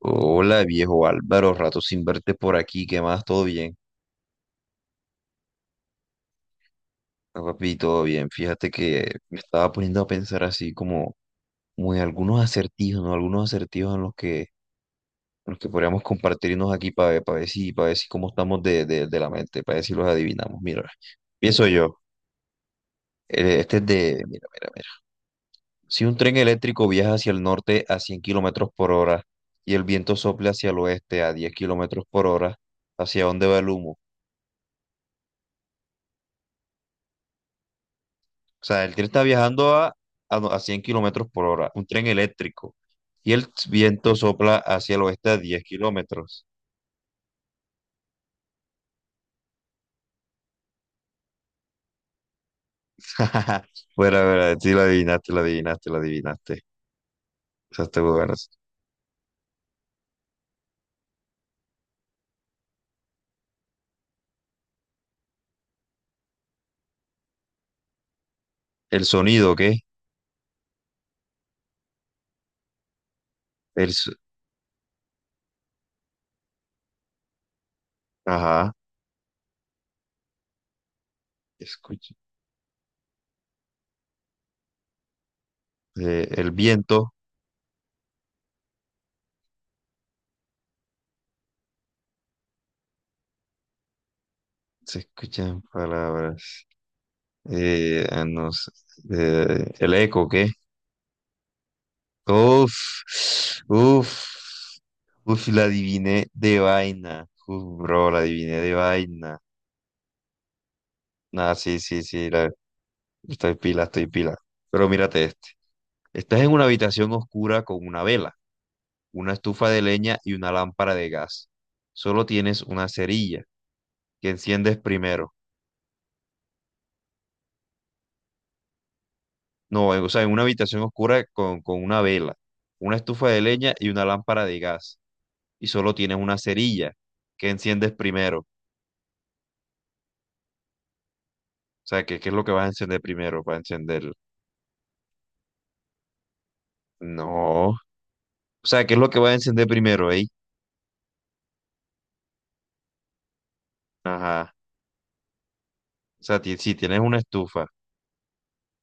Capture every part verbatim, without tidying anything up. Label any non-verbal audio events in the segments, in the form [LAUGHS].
Hola, viejo Álvaro, rato sin verte por aquí, ¿qué más? ¿Todo bien? Ah, Papi, todo bien. Fíjate que me estaba poniendo a pensar así como, como en algunos acertijos, ¿no? Algunos acertijos en los que, en los que podríamos compartirnos aquí para ver, para ver si, para ver si cómo estamos de, de, de la mente, para ver si los adivinamos. Mira, pienso yo. eh, Este es de, mira, mira, mira. Si un tren eléctrico viaja hacia el norte a cien kilómetros por hora y el viento sopla hacia el oeste a diez kilómetros por hora, ¿hacia dónde va el humo? O sea, el tren está viajando a, a, no- a cien kilómetros por hora, un tren eléctrico, y el viento sopla hacia el oeste a diez kilómetros. [LAUGHS] Bueno, bueno, sí lo adivinaste, lo adivinaste, lo adivinaste. O sea, está muy bueno. El sonido, ¿qué? El, so- ajá, escucha. Eh, el viento, se escuchan palabras. Eh, ah, no sé, eh, el eco, ¿qué? Uf, uf, uf, la adiviné de vaina. Uf, bro, la adiviné de vaina. Nada, sí, sí, sí, la- estoy pila, estoy pila. Pero mírate este. Estás en una habitación oscura con una vela, una estufa de leña y una lámpara de gas. Solo tienes una cerilla que enciendes primero. No, o sea, en una habitación oscura con, con una vela, una estufa de leña y una lámpara de gas. Y solo tienes una cerilla que enciendes primero. O sea, ¿qué, qué es lo que vas a encender primero para encender? No. O sea, ¿qué es lo que vas a encender primero, eh? Ajá. O sea, ti- si tienes una estufa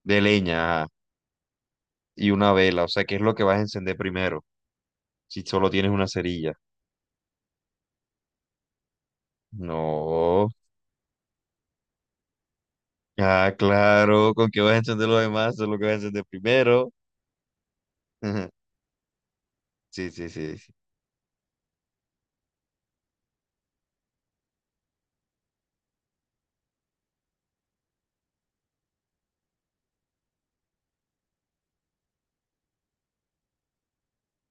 de leña. Ajá, y una vela. O sea, ¿qué es lo que vas a encender primero? Si solo tienes una cerilla. No. Ah, claro, ¿con qué vas a encender lo demás? Eso es lo que vas a encender primero. [LAUGHS] Sí, sí, sí. Sí.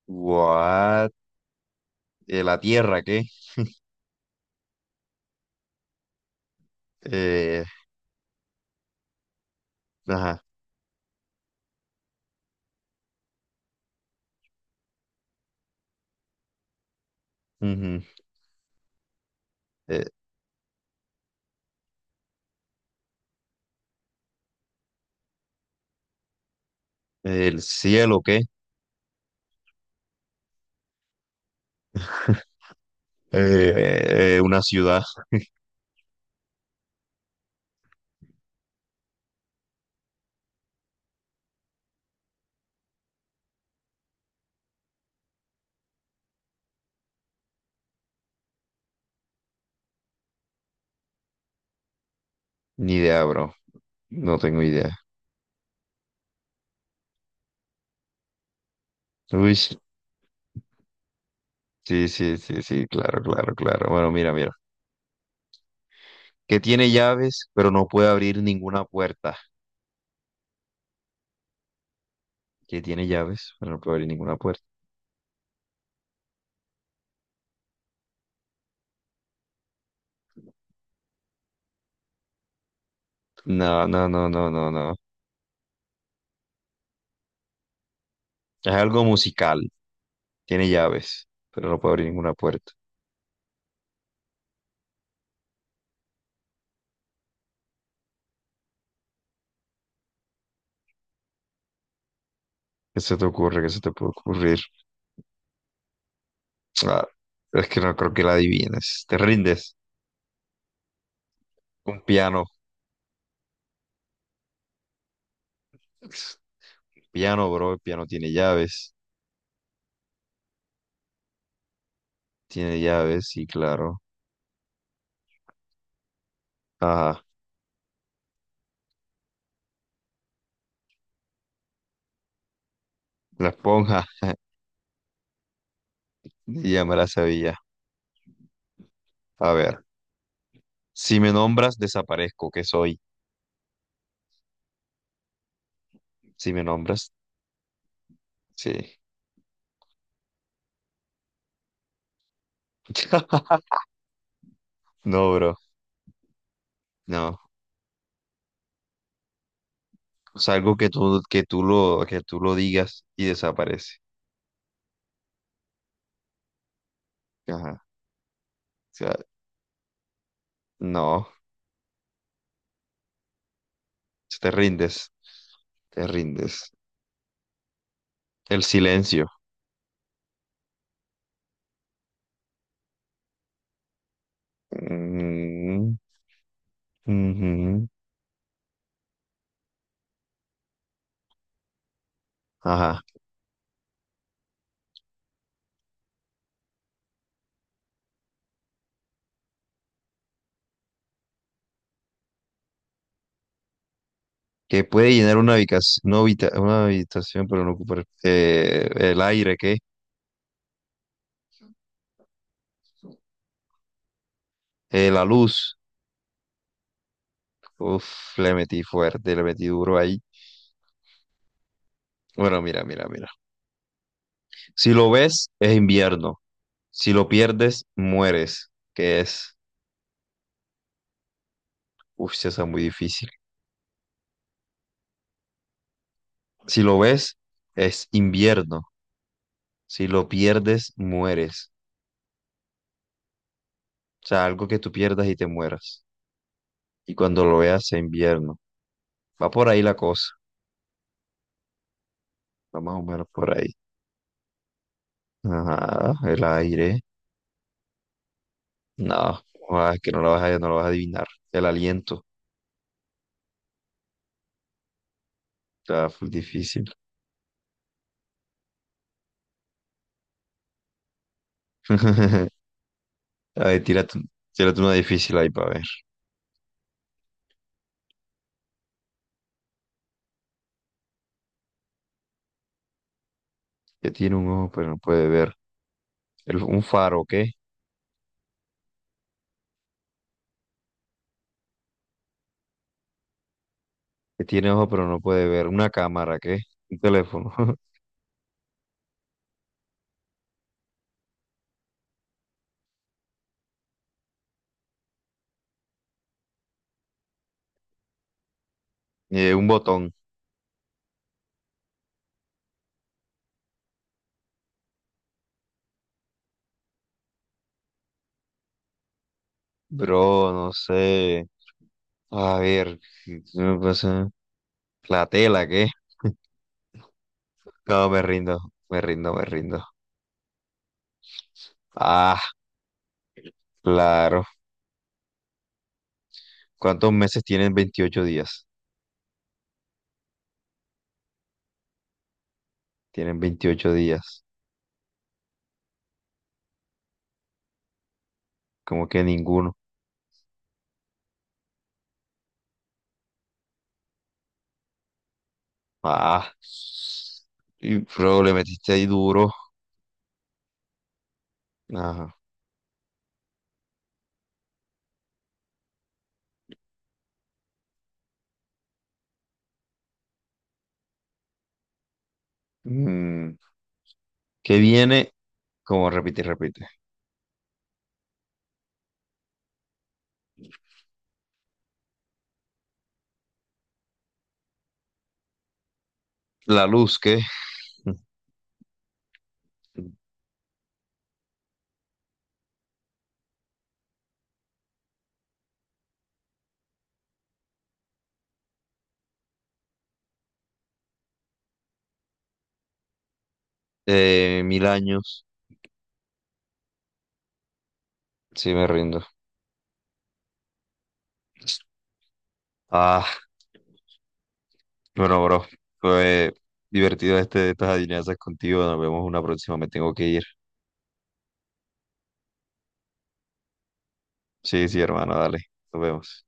What? Eh, la tierra, ¿qué? Eh, ajá. Ujú. Eh, el cielo, ¿qué? [LAUGHS] Eh, eh, una ciudad. Ni idea, bro. No tengo idea. Uy, sí, sí, sí, sí, claro, claro, claro. Bueno, mira, mira. Que tiene llaves, pero no puede abrir ninguna puerta. Que tiene llaves, pero no puede abrir ninguna puerta. No, no, no, no, no, no. Es algo musical, tiene llaves, pero no puede abrir ninguna puerta. ¿Qué se te ocurre? ¿Qué se te puede ocurrir? Ah, es que no creo que la adivines. Te rindes. Un piano. Piano, bro, el piano tiene llaves. Tiene llaves, sí, claro. Ajá, la esponja, [LAUGHS] ya me la sabía. A ver, si me nombras, desaparezco, ¿qué soy? Si me nombras, sí. [LAUGHS] No, bro, no. O sea, algo que tú, que tú lo, que tú lo digas y desaparece. Ajá. O sea, no, te rindes, te rindes. El silencio. Mm, ujú. Ajá. Que puede llenar una habitación, una habita- una habitación, pero no ocupar eh, el aire, ¿qué? Eh, la luz. Uf, le metí fuerte, le metí duro ahí. Bueno, mira, mira, mira. Si lo ves, es invierno. Si lo pierdes, mueres. Que es, uf, sí, esa es muy difícil. Si lo ves, es invierno. Si lo pierdes, mueres. O sea, algo que tú pierdas y te mueras. Y cuando lo veas, es invierno. Va por ahí la cosa. Va más o menos por ahí. Ajá, el aire. No, ah, es que no lo vas a, no lo vas a adivinar. El aliento. Está full difícil. [LAUGHS] A ver, tírate, tírate una difícil ahí para ver. Que tiene un ojo pero no puede ver. El- un faro, ¿qué? Que tiene ojo pero no puede ver. Una cámara, ¿qué? Un teléfono. [LAUGHS] Eh, un botón. Bro, no sé. A ver, ¿qué me pasa? La tela, ¿qué? No, me rindo, me rindo, me rindo. Ah, claro. ¿Cuántos meses tienen veintiocho días? Tienen veintiocho días. Como que ninguno. Ah, y bro, le metiste ahí duro. Ajá. Mm, ¿Qué viene? Como repite, y repite. La luz, ¿qué? [LAUGHS] Eh, mil años. Sí, me rindo. Ah. Bueno, bro, fue divertido este, estas adivinanzas contigo. Nos vemos una próxima. Me tengo que ir. Sí, sí, hermano, dale. Nos vemos.